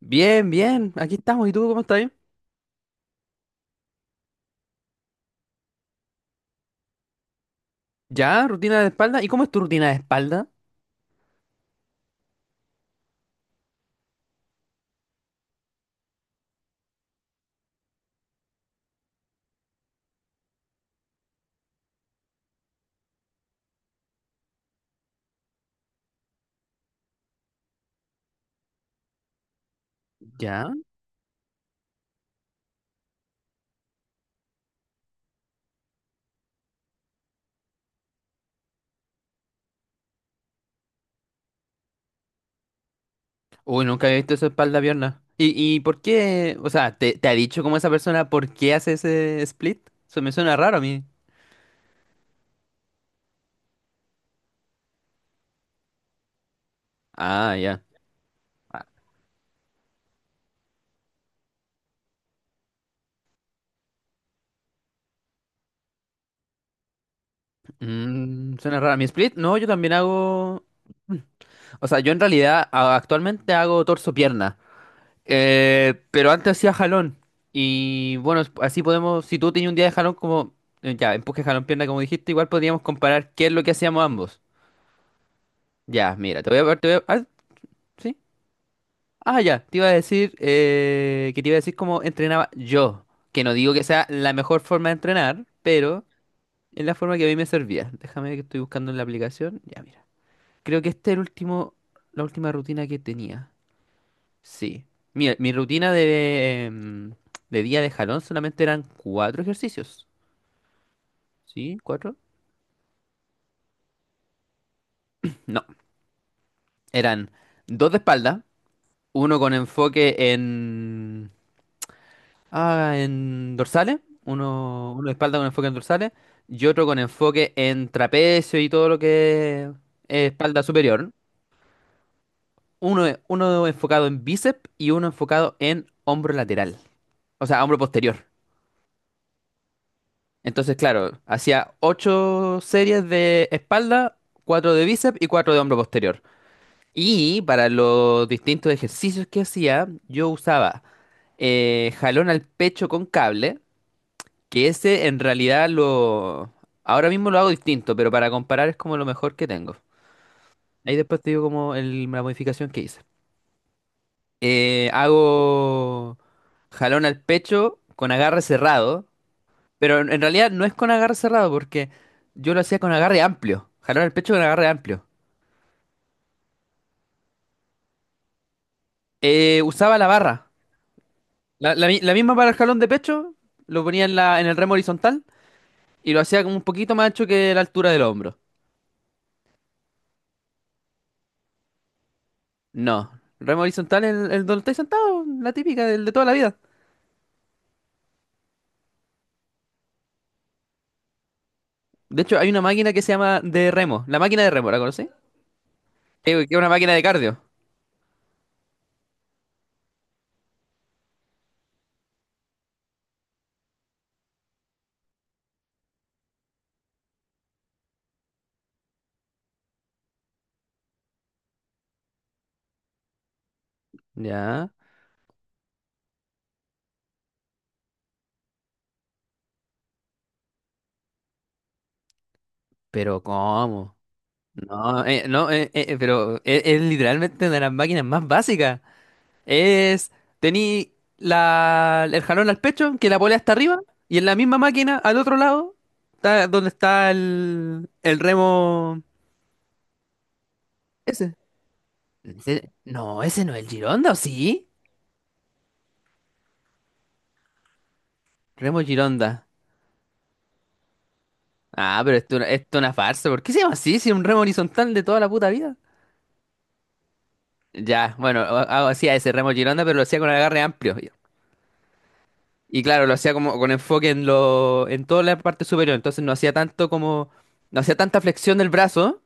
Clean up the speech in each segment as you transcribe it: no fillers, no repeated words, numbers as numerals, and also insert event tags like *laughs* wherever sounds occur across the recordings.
Bien, bien, aquí estamos. ¿Y tú cómo estás? Ya, rutina de espalda. ¿Y cómo es tu rutina de espalda? Ya. Uy, nunca había visto esa espalda pierna. ¿Y por qué? O sea, ¿te ha dicho como esa persona por qué hace ese split? Eso me suena raro a mí. Ah, ya. Ah, suena raro. ¿Mi split? No, yo también hago. Mm. O sea, yo en realidad actualmente hago torso-pierna. Pero antes hacía jalón. Y bueno, así podemos, si tú tenías un día de jalón como, ya, empuje, jalón, pierna, como dijiste, igual podríamos comparar qué es lo que hacíamos ambos. Ya, mira, te voy a... Te voy a- ah, ¿sí? Ah, ya, te iba a decir, que te iba a decir cómo entrenaba yo. Que no digo que sea la mejor forma de entrenar, pero es la forma que a mí me servía. Déjame ver que estoy buscando en la aplicación. Ya, mira. Creo que esta es el último, la última rutina que tenía. Sí. Mira, mi rutina de día de jalón solamente eran cuatro ejercicios. ¿Sí? ¿Cuatro? No. Eran dos de espalda, uno con enfoque en dorsales, uno de espalda con enfoque en dorsales, y otro con enfoque en trapecio y todo lo que es espalda superior. Uno enfocado en bíceps y uno enfocado en hombro lateral, o sea, hombro posterior. Entonces, claro, hacía ocho series de espalda, cuatro de bíceps y cuatro de hombro posterior. Y para los distintos ejercicios que hacía, yo usaba jalón al pecho con cable, que ese en realidad lo. Ahora mismo lo hago distinto, pero para comparar es como lo mejor que tengo. Ahí después te digo como la modificación que hice. Hago jalón al pecho con agarre cerrado. Pero en realidad no es con agarre cerrado, porque yo lo hacía con agarre amplio. Jalón al pecho con agarre amplio. Usaba la barra. La misma para el jalón de pecho, lo ponía en el remo horizontal y lo hacía como un poquito más ancho que la altura del hombro. No, remo horizontal es el donde estáis sentado, la típica, del de toda la vida. De hecho, hay una máquina que se llama de remo. La máquina de remo, ¿la conocí? Que es una máquina de cardio. Ya, pero ¿cómo? No, pero es literalmente una de las máquinas más básicas. Es, Tení el jalón al pecho, que la polea está arriba, y en la misma máquina, al otro lado, está donde está el remo. Ese. No, ese no es el Gironda, ¿o sí? Remo Gironda. Ah, pero esto es una farsa. ¿Por qué se llama así? Si es un remo horizontal de toda la puta vida. Ya, bueno, hacía ese remo Gironda, pero lo hacía con agarre amplio. Y claro, lo hacía como con enfoque en toda la parte superior. Entonces no hacía tanto como, no hacía tanta flexión del brazo.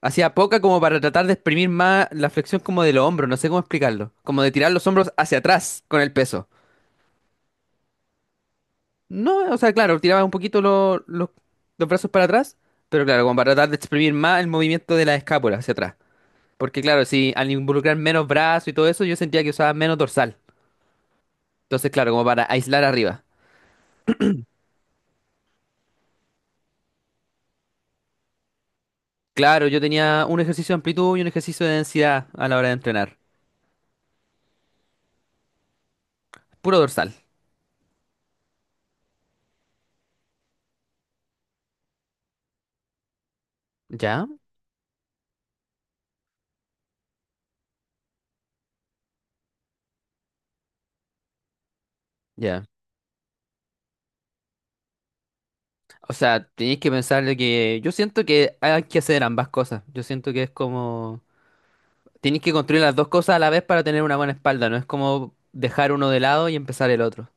Hacía poca como para tratar de exprimir más la flexión como de los hombros, no sé cómo explicarlo. Como de tirar los hombros hacia atrás con el peso. No, o sea, claro, tiraba un poquito los brazos para atrás, pero claro, como para tratar de exprimir más el movimiento de la escápula hacia atrás. Porque claro, si al involucrar menos brazos y todo eso, yo sentía que usaba menos dorsal. Entonces, claro, como para aislar arriba. Claro, yo tenía un ejercicio de amplitud y un ejercicio de densidad a la hora de entrenar. Puro dorsal. ¿Ya? Ya. O sea, tenéis que pensarle que yo siento que hay que hacer ambas cosas. Yo siento que es como tenéis que construir las dos cosas a la vez para tener una buena espalda, no es como dejar uno de lado y empezar el otro.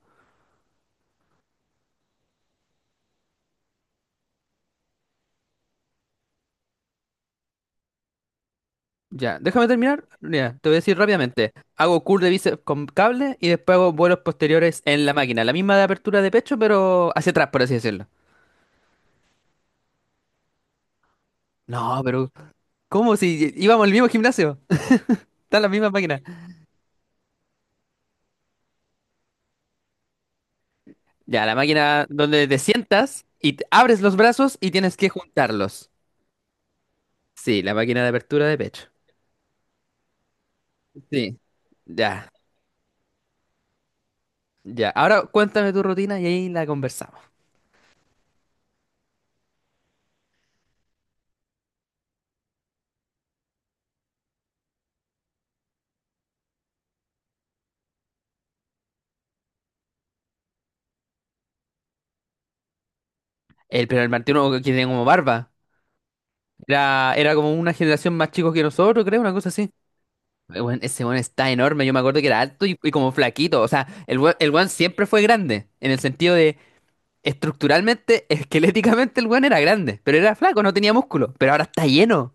Ya, déjame terminar. Mira, te voy a decir rápidamente. Hago curl de bíceps con cable y después hago vuelos posteriores en la máquina. La misma de apertura de pecho, pero hacia atrás, por así decirlo. No, pero ¿cómo si íbamos al mismo gimnasio? *laughs* Están las mismas máquinas. Ya, la máquina donde te sientas y abres los brazos y tienes que juntarlos. Sí, la máquina de apertura de pecho. Sí, ya, ya. Ahora cuéntame tu rutina y ahí la conversamos. Pero el Martino que tenía como barba. Era como una generación más chico que nosotros, creo, una cosa así. Weón, ese weón está enorme. Yo me acuerdo que era alto y como flaquito. O sea, el weón siempre fue grande. En el sentido de estructuralmente, *laughs* esqueléticamente, el weón era grande. Pero era flaco, no tenía músculo. Pero ahora está lleno.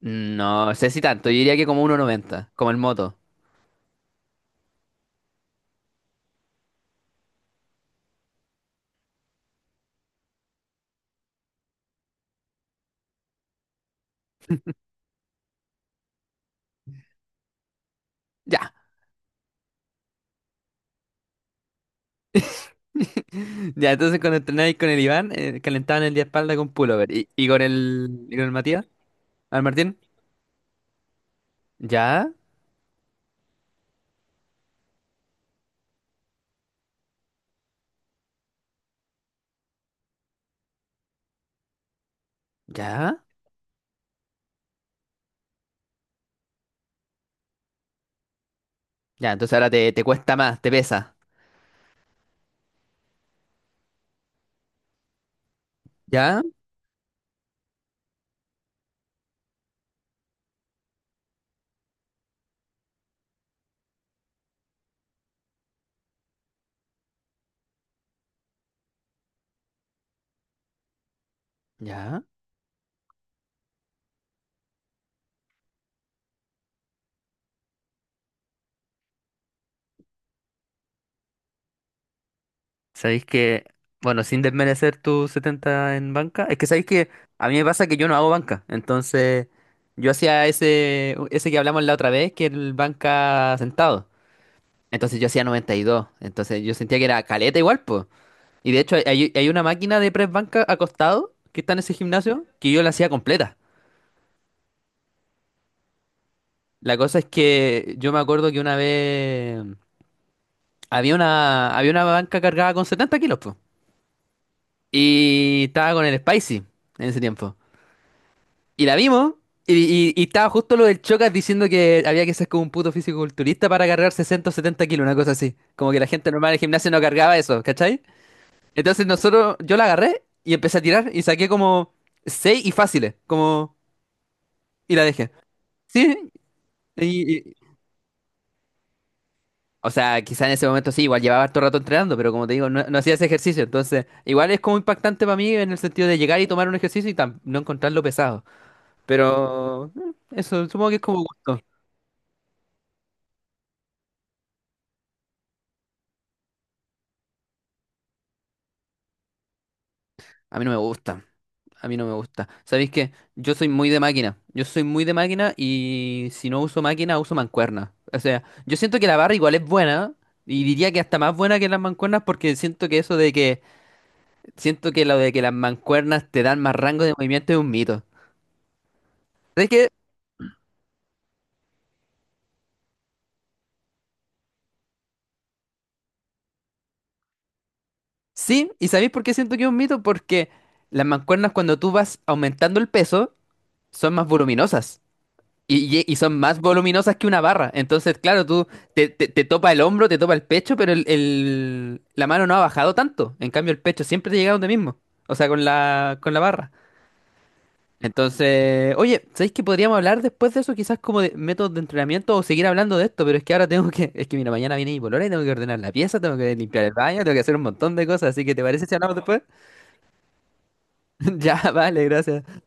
No sé si tanto. Yo diría que como 1,90, como el moto. Ya. *laughs* Ya, entonces cuando entrenaba ahí con el Iván, calentaban el día de espalda con pullover. ¿Y con el Matías? ¿Al Martín? ¿Ya? ¿Ya? Ya, entonces ahora te cuesta más, te pesa. ¿Ya? ¿Ya? Sabéis que, bueno, sin desmerecer tu 70 en banca, es que sabéis que a mí me pasa que yo no hago banca, entonces yo hacía ese que hablamos la otra vez, que era el banca sentado, entonces yo hacía 92, entonces yo sentía que era caleta igual. Y de hecho, hay una máquina de press banca acostado que está en ese gimnasio que yo la hacía completa. La cosa es que yo me acuerdo que una vez había una banca cargada con 70 kilos, po. Y estaba con el Spicy en ese tiempo. Y la vimos. Y, y estaba justo lo del Chocas diciendo que había que ser como un puto fisiculturista para cargar 60 o 70 kilos, una cosa así. Como que la gente normal del gimnasio no cargaba eso, ¿cachai? Entonces nosotros, yo la agarré y empecé a tirar y saqué como 6 y fáciles, como. Y la dejé. Sí, y- y- o sea, quizá en ese momento sí, igual llevaba harto rato entrenando, pero como te digo, no hacía ese ejercicio, entonces igual es como impactante para mí en el sentido de llegar y tomar un ejercicio y no encontrarlo pesado, pero eso, supongo que es como gusto. A mí no me gusta, a mí no me gusta. ¿Sabéis qué? Yo soy muy de máquina, yo soy muy de máquina y si no uso máquina, uso mancuerna. O sea, yo siento que la barra igual es buena y diría que hasta más buena que las mancuernas porque siento que eso de que, siento que lo de que las mancuernas te dan más rango de movimiento es un mito. Es que sí, ¿y sabéis por qué siento que es un mito? Porque las mancuernas cuando tú vas aumentando el peso son más voluminosas y son más voluminosas que una barra. Entonces, claro, tú te topa el hombro, te topa el pecho, pero la mano no ha bajado tanto. En cambio, el pecho siempre te llega donde mismo, o sea, con la barra. Entonces, oye, ¿sabéis que podríamos hablar después de eso? Quizás como de métodos de entrenamiento o seguir hablando de esto, pero es que ahora tengo que, es que mira, mañana viene mi polola y tengo que ordenar la pieza, tengo que limpiar el baño, tengo que hacer un montón de cosas, así que ¿te parece si hablamos después? *laughs* Ya, vale, gracias.